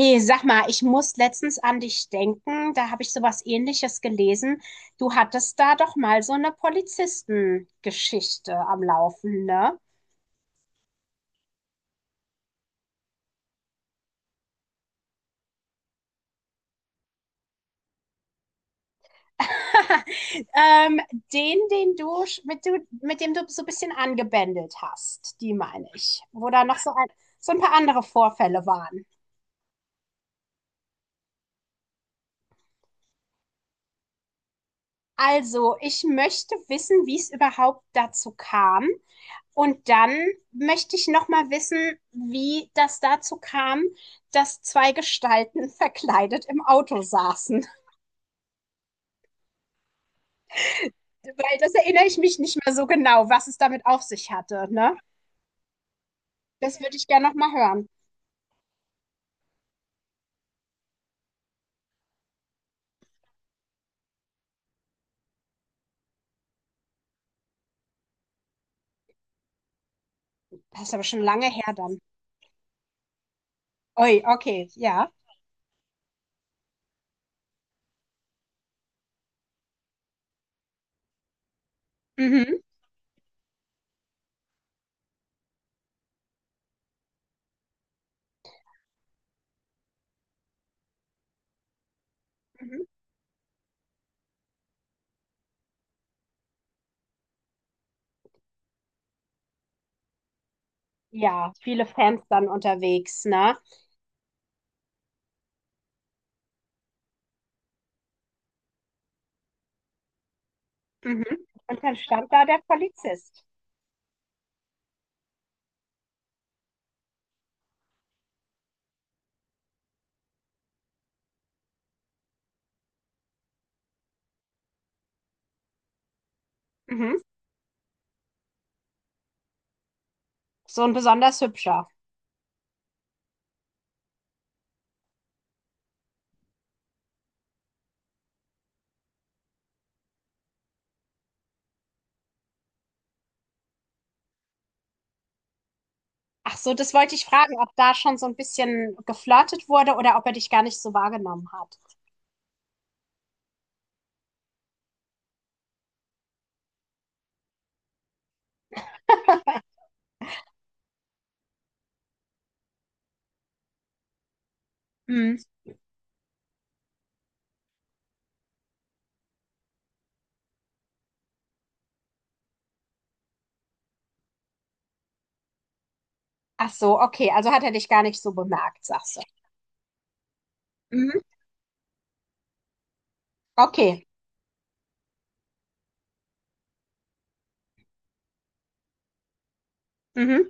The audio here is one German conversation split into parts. Hey, sag mal, ich muss letztens an dich denken. Da habe ich sowas Ähnliches gelesen. Du hattest da doch mal so eine Polizistengeschichte am Laufen, ne? Ähm, den, den du, sch- mit du, mit dem du so ein bisschen angebändelt hast, die meine ich. Wo da noch so ein paar andere Vorfälle waren. Also, ich möchte wissen, wie es überhaupt dazu kam. Und dann möchte ich noch mal wissen, wie das dazu kam, dass zwei Gestalten verkleidet im Auto saßen. Weil das erinnere ich mich nicht mehr so genau, was es damit auf sich hatte. Ne? Das würde ich gerne noch mal hören. Das ist aber schon lange her dann. Ui, okay, ja. Mhm. Mhm. Ja, viele Fans dann unterwegs, ne? Mhm. Und dann stand da der Polizist. Mhm. So ein besonders hübscher. Ach so, das wollte ich fragen, ob da schon so ein bisschen geflirtet wurde oder ob er dich gar nicht so wahrgenommen hat. Mhm. Ach so, okay, also hat er dich gar nicht so bemerkt, sagst du. Mhm. Okay. Mhm.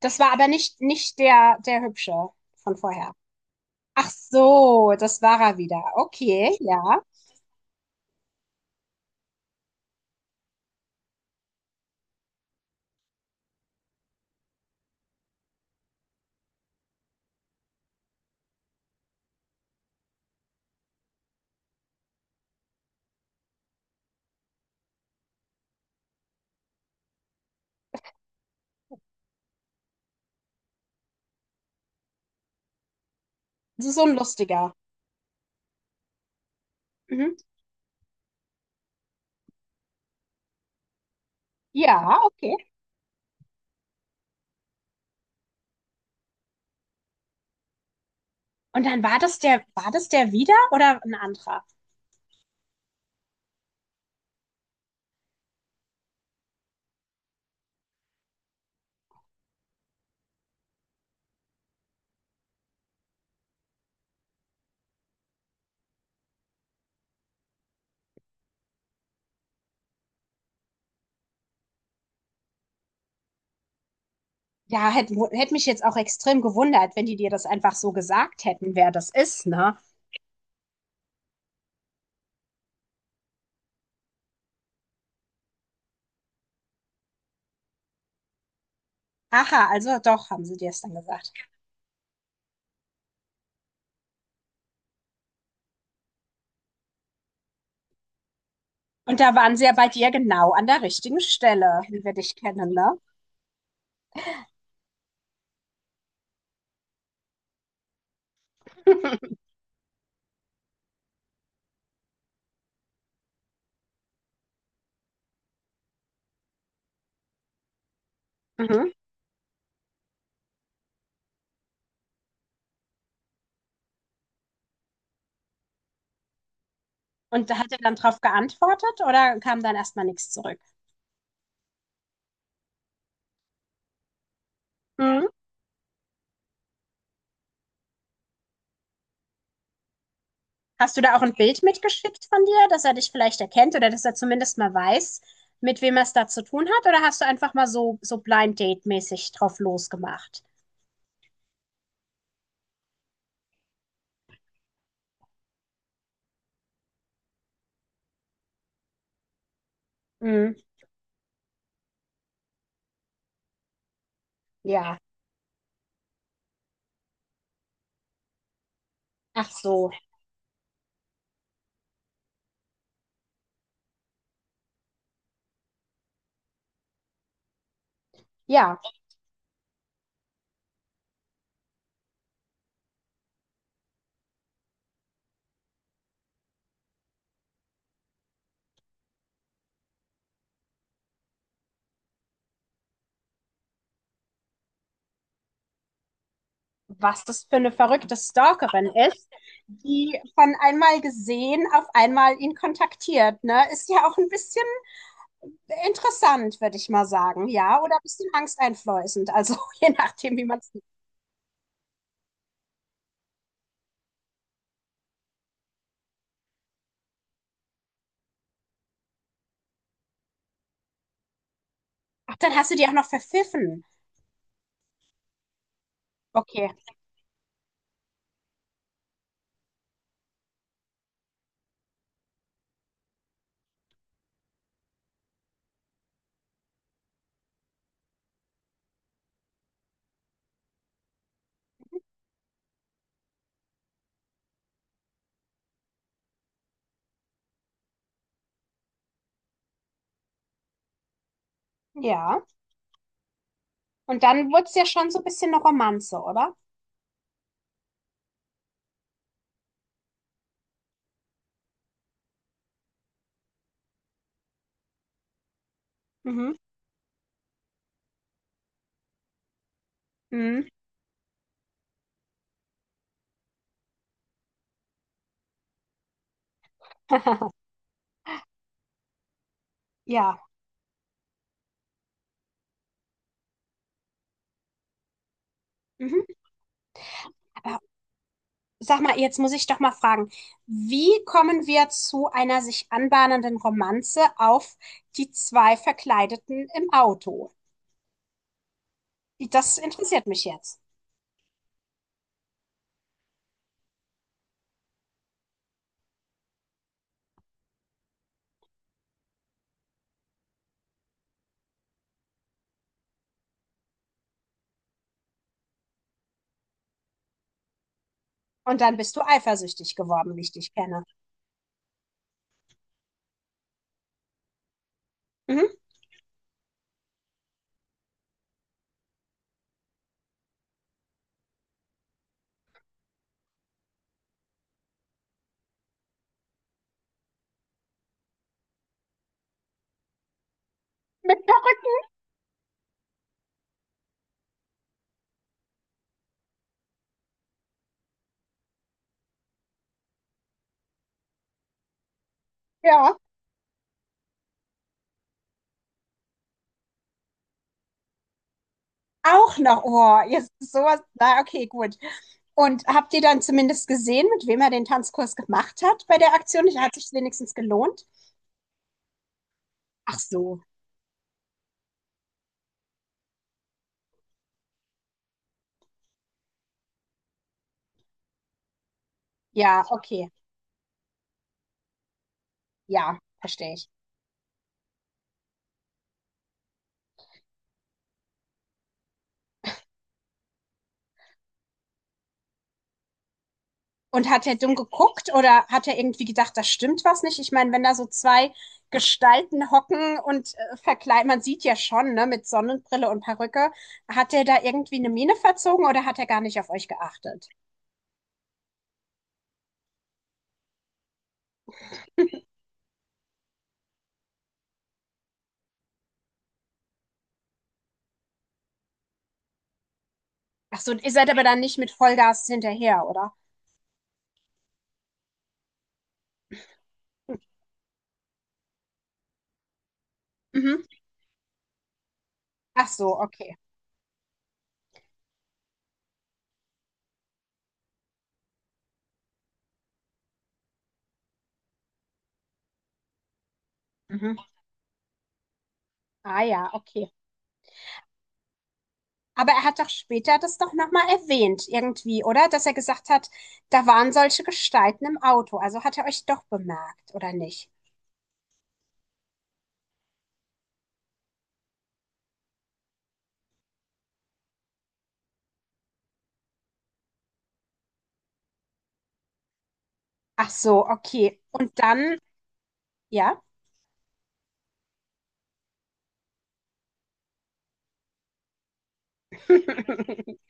Das war aber nicht der, der Hübsche von vorher. Ach so, das war er wieder. Okay, ja. Das ist so ein lustiger. Mhm. Ja, okay. Und dann war das war das der wieder oder ein anderer? Ja, hätte hätt hätt mich jetzt auch extrem gewundert, wenn die dir das einfach so gesagt hätten, wer das ist, ne? Aha, also doch, haben sie dir es dann gesagt. Und da waren sie ja bei dir genau an der richtigen Stelle, wie wir dich kennen, ne? Mhm. Und da hat er dann drauf geantwortet oder kam dann erstmal nichts zurück? Mhm. Hast du da auch ein Bild mitgeschickt von dir, dass er dich vielleicht erkennt oder dass er zumindest mal weiß, mit wem er es da zu tun hat? Oder hast du einfach mal so, so Blind Date-mäßig drauf losgemacht? Mhm. Ja, ach so. Ja, was das für eine verrückte Stalkerin ist, die von einmal gesehen auf einmal ihn kontaktiert. Ne? Ist ja auch ein bisschen interessant, würde ich mal sagen, ja, oder ein bisschen angsteinflößend, also je nachdem, wie man es sieht. Ach, dann hast du die auch noch verpfiffen. Okay, ja. Und dann wurde es ja schon so ein bisschen eine Romanze, oder? Mhm. Mhm. Ja. Mhm. Sag mal, jetzt muss ich doch mal fragen, wie kommen wir zu einer sich anbahnenden Romanze auf die zwei Verkleideten im Auto? Das interessiert mich jetzt. Und dann bist du eifersüchtig geworden, wie ich dich kenne. Mhm. Mit ja. Auch noch, oh, jetzt sowas, na okay, gut. Und habt ihr dann zumindest gesehen, mit wem er den Tanzkurs gemacht hat bei der Aktion? Hat sich wenigstens gelohnt? Ach so, ja, okay, ja, verstehe ich. Und hat er dumm geguckt oder hat er irgendwie gedacht, da stimmt was nicht? Ich meine, wenn da so zwei Gestalten hocken und verkleiden, man sieht ja schon, ne, mit Sonnenbrille und Perücke, hat er da irgendwie eine Miene verzogen oder hat er gar nicht auf euch geachtet? Ach so, ihr seid aber dann nicht mit Vollgas hinterher, oder? Mhm. Ach so, okay. Mhm. Ah ja, okay. Aber er hat doch später das doch nochmal erwähnt, irgendwie, oder? Dass er gesagt hat, da waren solche Gestalten im Auto. Also hat er euch doch bemerkt, oder nicht? Ach so, okay. Und dann ja?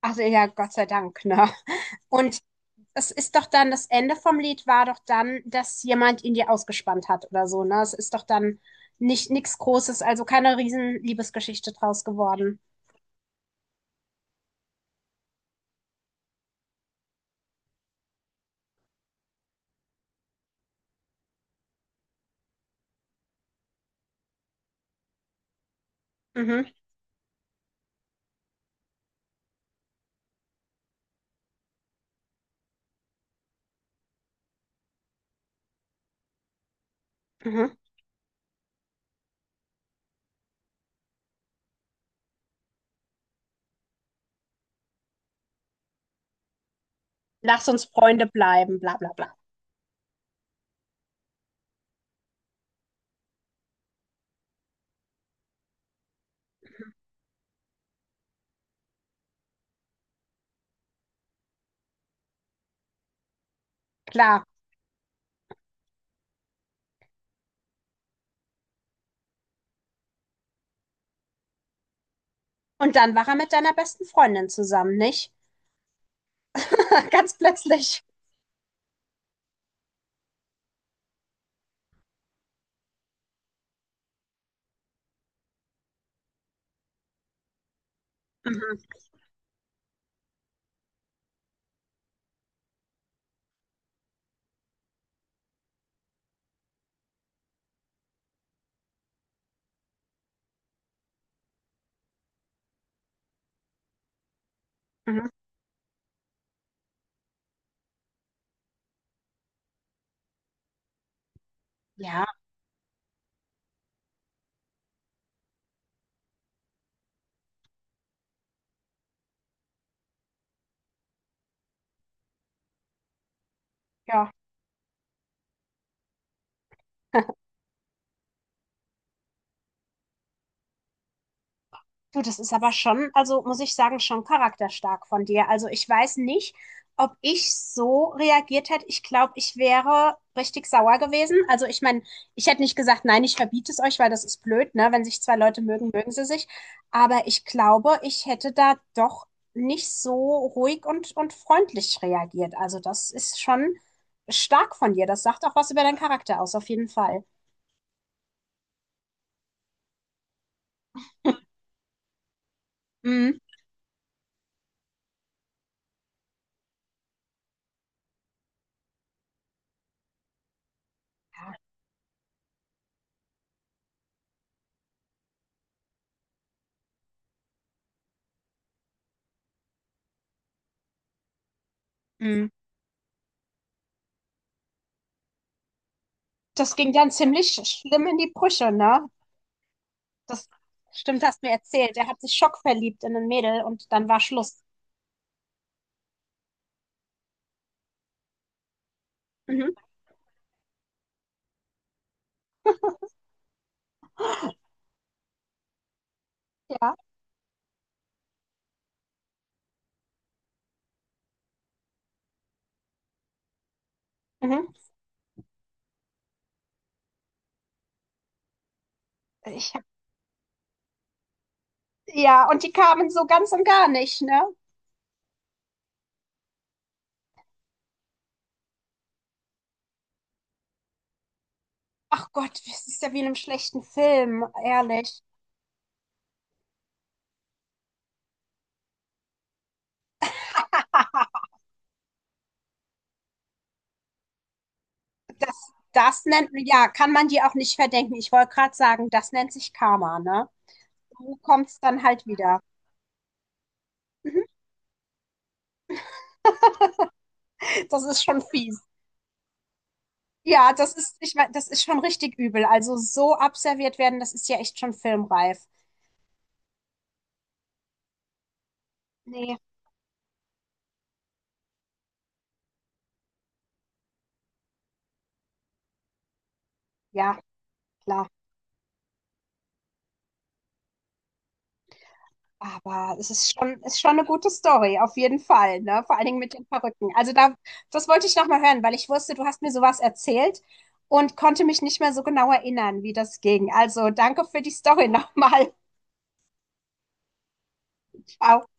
Also ja, Gott sei Dank, ne? Und es ist doch dann, das Ende vom Lied war doch dann, dass jemand ihn dir ausgespannt hat oder so, ne? Es ist doch dann nicht nichts Großes, also keine riesen Liebesgeschichte draus geworden. Mhm, mhm. Lass uns Freunde bleiben, bla bla bla. Klar. Und dann war er mit deiner besten Freundin zusammen, nicht? Ganz plötzlich. Mhm, mhm. Ja, ja. Du, das ist aber schon, also muss ich sagen, schon charakterstark von dir. Also ich weiß nicht, ob ich so reagiert hätte. Ich glaube, ich wäre richtig sauer gewesen. Also ich meine, ich hätte nicht gesagt, nein, ich verbiete es euch, weil das ist blöd, ne? Wenn sich zwei Leute mögen, mögen sie sich. Aber ich glaube, ich hätte da doch nicht so ruhig und freundlich reagiert. Also das ist schon stark von dir. Das sagt auch was über deinen Charakter aus, auf jeden Fall. Mhm. Ja. Mhm. Das ging dann ziemlich schlimm in die Brüche, ne? Das stimmt, hast du mir erzählt. Er hat sich schockverliebt in ein Mädel und dann war Schluss. Mhm. Ja. Mhm. Ich hab, ja, und die kamen so ganz und gar nicht, ne? Ach Gott, das ist ja wie in einem schlechten Film, ehrlich. Das, das nennt, ja, kann man dir auch nicht verdenken. Ich wollte gerade sagen, das nennt sich Karma, ne? So kommt's dann halt wieder. Das ist schon fies. Ja, das ist, ich mein, das ist schon richtig übel. Also so abserviert werden, das ist ja echt schon filmreif. Nee, ja, klar. Aber es ist schon eine gute Story, auf jeden Fall, ne? Vor allen Dingen mit den Perücken. Also da, das wollte ich nochmal hören, weil ich wusste, du hast mir sowas erzählt und konnte mich nicht mehr so genau erinnern, wie das ging. Also danke für die Story nochmal. Ciao.